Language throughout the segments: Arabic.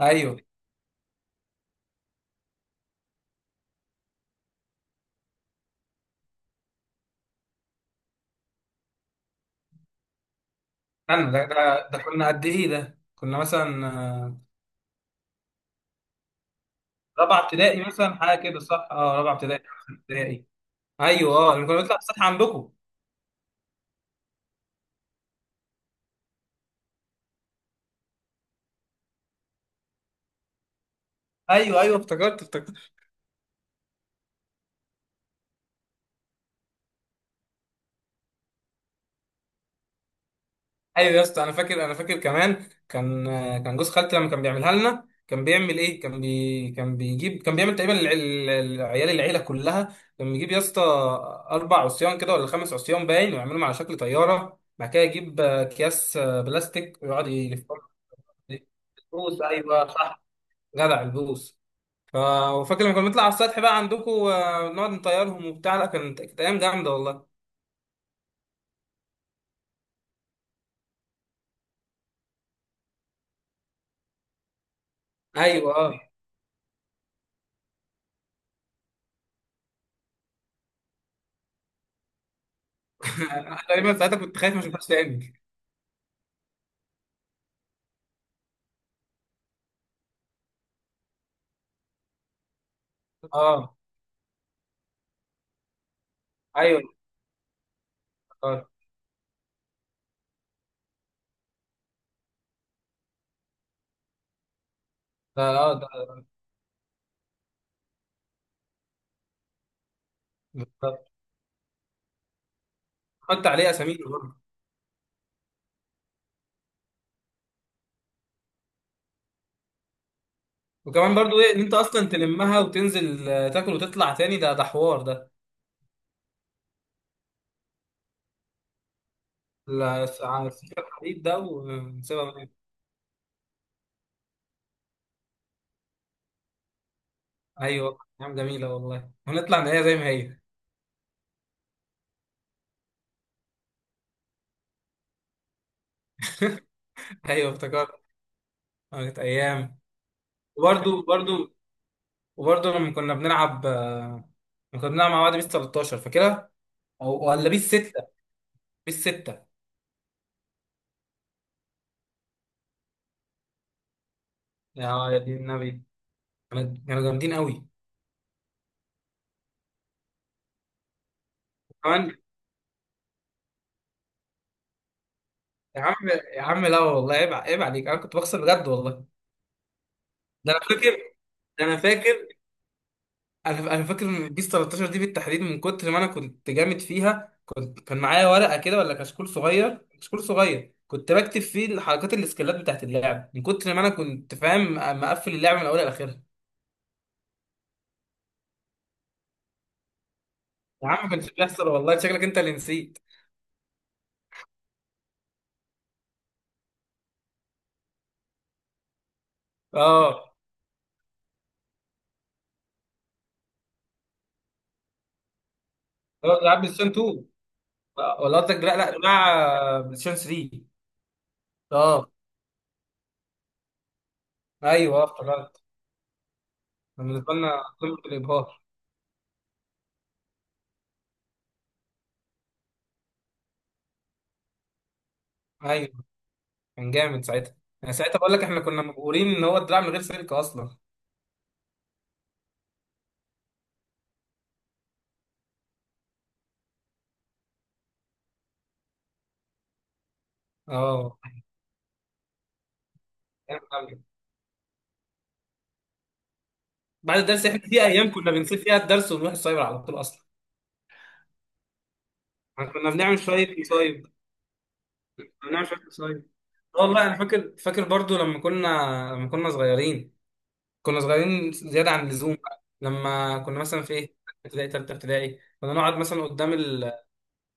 ايوه. استنى ده ده ده كنا قد ايه؟ ده كنا مثلا آه، رابعه ابتدائي مثلا، حاجه كده، صح. اه، رابعه ابتدائي، خمسة ابتدائي. ايوه، لما كنا بنطلع السطح عندكم. ايوه ايوه، افتكرت. ايوه يا اسطى، انا فاكر كمان، كان كان جوز خالتي لما كان بيعملها لنا كان بيعمل ايه، كان بيجيب، كان بيعمل تقريبا عيال العيله كلها، كان بيجيب يا اسطى 4 عصيان كده ولا 5 عصيان باين، ويعملهم على شكل طياره. بعد كده يجيب اكياس بلاستيك ويقعد يلفهم بالفلوس. ايوه، صح. جدع البوس. ف- وفاكر لما كنا بنطلع على السطح بقى عندكم، نقعد نطيرهم وبتاع؟ لا، كانت ايام جامده والله. ايوه اه. أنا تقريبا ساعتها كنت خايف ما اشوفهاش تاني. اه ايوه افتكرت. ده اه ده- حط عليه اسامينا برضه. وكمان برضه ايه، ان انت اصلا تلمها وتنزل تاكل وتطلع تاني، ده حوار ده. لا، على السكه الحديد ده ونسيبها بقى. ايوه، ايام جميله والله، ونطلع نلاقيها زي ما هي. ايوه افتكرت. كانت ايام. وبرضه، وبرضه لما كنا بنلعب، لما كنا بنلعب مع بعض بيس 13، فاكرها؟ أو ولا بيس 6؟ بيس 6. يا دين النبي، كانوا جامدين قوي كمان. يا عم، يا عم، لا والله، عيب عليك، أنا كنت بخسر بجد والله. ده أنا فاكر ده أنا فاكر. أنا فاكر من بيس 13 دي بالتحديد، من كتر ما أنا كنت جامد فيها، كنت كان معايا ورقة كده ولا كشكول صغير كنت بكتب فيه الحركات، الاسكيلات بتاعت اللعب، من كتر ما أنا كنت فاهم مقفل اللعب من أولها لآخرها. يا عم ما كانش بيحصل والله، شكلك انت اللي نسيت. اه، اه، لعب بلاي ستيشن 2، ولا قصدك، لا بلاي ستيشن 3. اه، ايوه اه افتكرت. كان بالنسبه لنا قمه الابهار. ايوه، كان جامد ساعتها. انا ساعتها بقول لك احنا كنا مبهورين ان هو الدراع من غير سلك اصلا. اه، كان جامد. بعد الدرس، احنا في ايام كنا بنسيب فيها الدرس ونروح السايبر على طول اصلا. احنا كنا بنعمل شويه مصايب، كنا بنعمل شويه مصايب. آه والله انا فاكر، فاكر برضو لما كنا، لما كنا صغيرين، كنا صغيرين زياده عن اللزوم بقى، لما كنا مثلا في ايه ابتدائي، تالتة ابتدائي، كنا نقعد مثلا قدام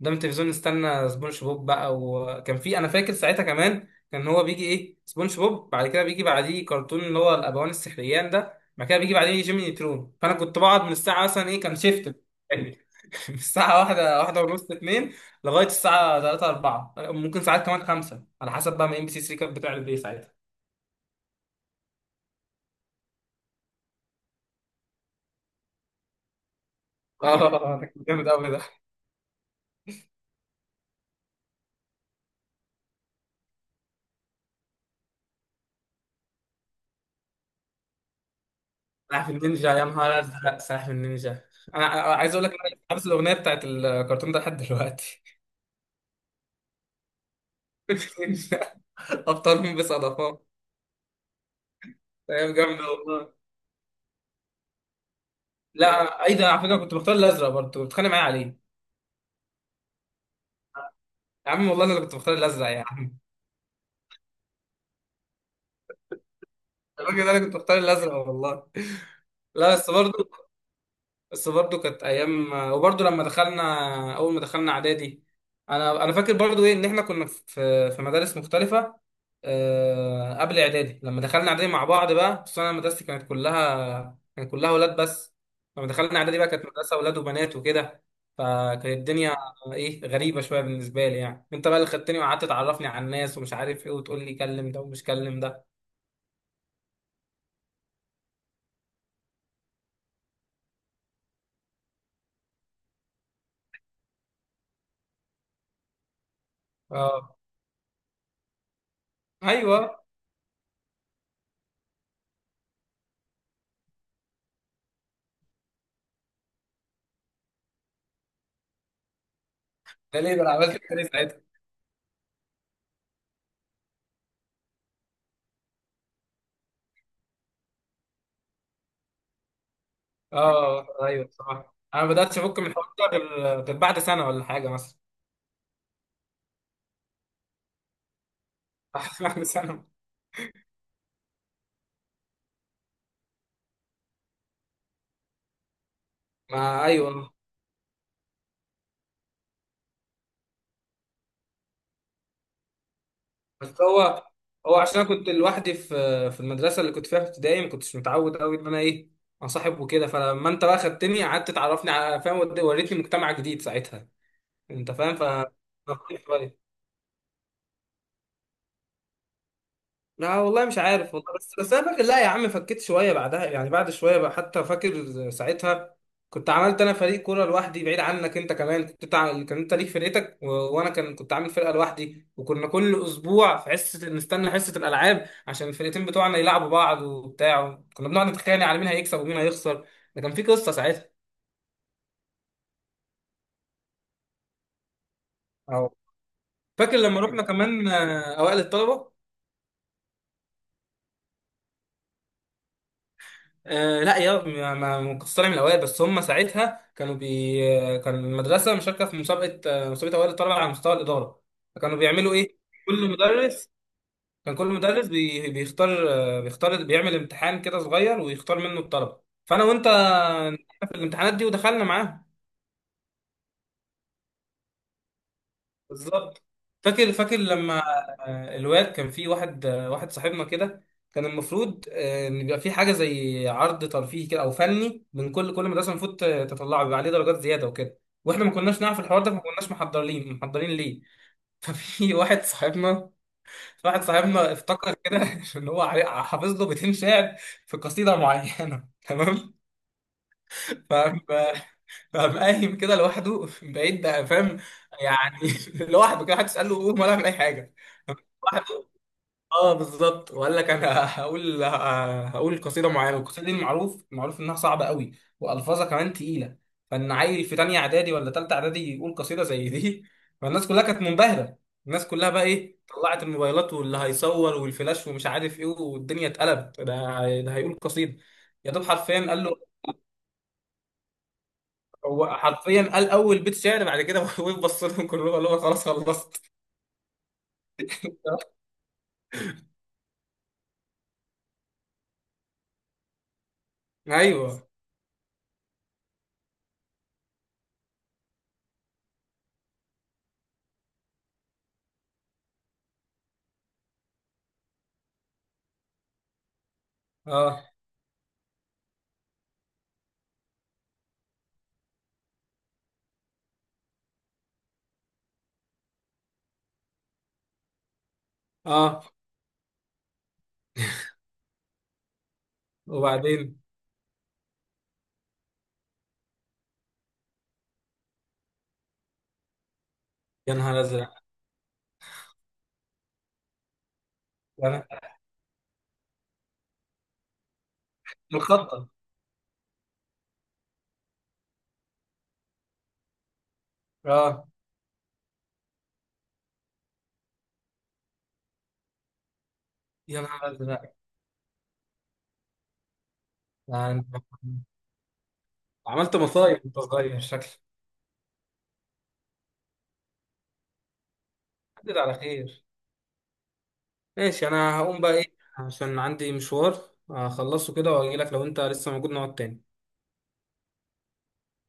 قدام التلفزيون نستنى سبونج بوب بقى. وكان في، انا فاكر ساعتها كمان، كان هو بيجي ايه سبونج بوب، بعد كده بيجي بعديه كرتون اللي هو الابوان السحريان ده، بعد كده بيجي بعديه جيمي نيترون. فانا كنت بقعد من الساعه مثلا ايه، كان شيفت. من الساعه واحدة، واحدة ونص، اتنين، لغايه الساعه 3، 4، ممكن ساعات كمان 5، على حسب بقى ما ام بي سي 3 كانت بتعرض ايه ساعتها. اه ده كان جامد قوي ده. سلاحف النينجا، يا نهار ازرق، سلاحف النينجا. أنا عايز اقول لك إن انا حافظ الاغنيه بتاعت الكرتون ده لحد دلوقتي. ابطال مين بصدفه. ايام جامده والله. لا، اي ده، على فكره كنت بختار الازرق برضه، كنت بتخانق معايا عليه. يا عم والله انا اللي كنت بختار الازرق يا عم. الراجل ده، انا كنت بختار الازرق والله. لا بس برضه، بس برضو كانت ايام. وبرضو لما دخلنا، اول ما دخلنا اعدادي، انا فاكر برضو ايه، ان احنا كنا في في مدارس مختلفه قبل اعدادي. لما دخلنا اعدادي مع بعض بقى، بس انا مدرستي كانت كلها، كان كلها اولاد بس. لما دخلنا اعدادي بقى كانت مدرسه اولاد وبنات وكده. فكانت الدنيا ايه، غريبه شويه بالنسبه لي. يعني انت بقى اللي خدتني وقعدت تعرفني على الناس ومش عارف ايه، وتقول لي كلم ده ومش كلم ده. اه، ايوه. ده ليه ده أنا عملت كده. اه ايوه صح، انا ما بداتش افك من الحوار ده غير، غير بعد سنه ولا حاجه مثلا. بعد سنه. ما ايوه، بس هو، هو عشان انا كنت لوحدي في في المدرسه اللي كنت فيها في ابتدائي، ما كنتش متعود قوي ان انا ايه، انصاحب وكده. فلما انت بقى خدتني، قعدت تعرفني على فاهم، وريتني مجتمع جديد ساعتها. انت فاهم، ف... لا والله مش عارف والله، بس انا فاكر، لا يا عم فكيت شويه بعدها، يعني بعد شويه بقى. حتى فاكر ساعتها كنت عملت انا فريق كوره لوحدي بعيد عنك. انت كمان كنت كان انت ليك فرقتك وانا كان كنت عامل فرقه لوحدي. وكنا كل اسبوع في حصه نستنى حصه الالعاب عشان الفرقتين بتوعنا يلعبوا بعض وبتاع. كنا بنقعد نتخانق على مين هيكسب ومين هيخسر. ده كان في قصه ساعتها. أو فاكر لما رحنا كمان اوائل الطلبه؟ آه لا، يا مقصره من الاوائل، بس هم ساعتها كانوا بي كان المدرسه مشاركه في مسابقه مسابقه اوائل الطلبه على مستوى الاداره. فكانوا بيعملوا ايه، كل مدرس كان كل مدرس بيختار بيختار، بيعمل امتحان كده صغير ويختار منه الطلبه. فانا وانت في الامتحانات دي ودخلنا معاهم. بالظبط. فاكر لما الواد كان في واحد واحد صاحبنا كده، كان المفروض ان يبقى في حاجه زي عرض ترفيهي كده او فني من كل مدرسه. المفروض تطلعه بيبقى عليه درجات زياده وكده. واحنا ما كناش نعرف الحوار ده، فما كناش محضرين، محضرين ليه. ففي واحد صاحبنا، واحد صاحبنا افتكر كده ان هو حافظ له بيتين شعر في قصيده معينه تمام. ف... فقام قايم كده لوحده من بعيد بقى، فاهم يعني. لوحده كده، حد تساله قوم ولا اعمل اي حاجه؟ واحد، اه بالظبط. وقال لك انا هقول، هقول قصيده معينه، والقصيده دي معروف، معروف انها صعبه قوي والفاظها كمان تقيله. فان عيل في تانية اعدادي ولا تالتة اعدادي يقول قصيده زي دي، فالناس كلها كانت منبهره. الناس كلها بقى ايه، طلعت الموبايلات واللي هيصور والفلاش ومش عارف ايه، والدنيا اتقلبت، ده هيقول قصيده. يا دوب، حرفيا قال له، هو حرفيا قال اول بيت شعر بعد كده وبص لهم كلهم قال لهم خلاص خلصت. ايوه اه اه، وبعدين يا نهار ازرق يعني، مخطط. اه، يا نهار ازرق. يعني عملت مصايب وانت صغير شكلك. عدت على خير. ماشي، انا هقوم بقى ايه، عشان عندي مشوار اخلصه كده واجي لك لو انت لسه موجود نقعد تاني.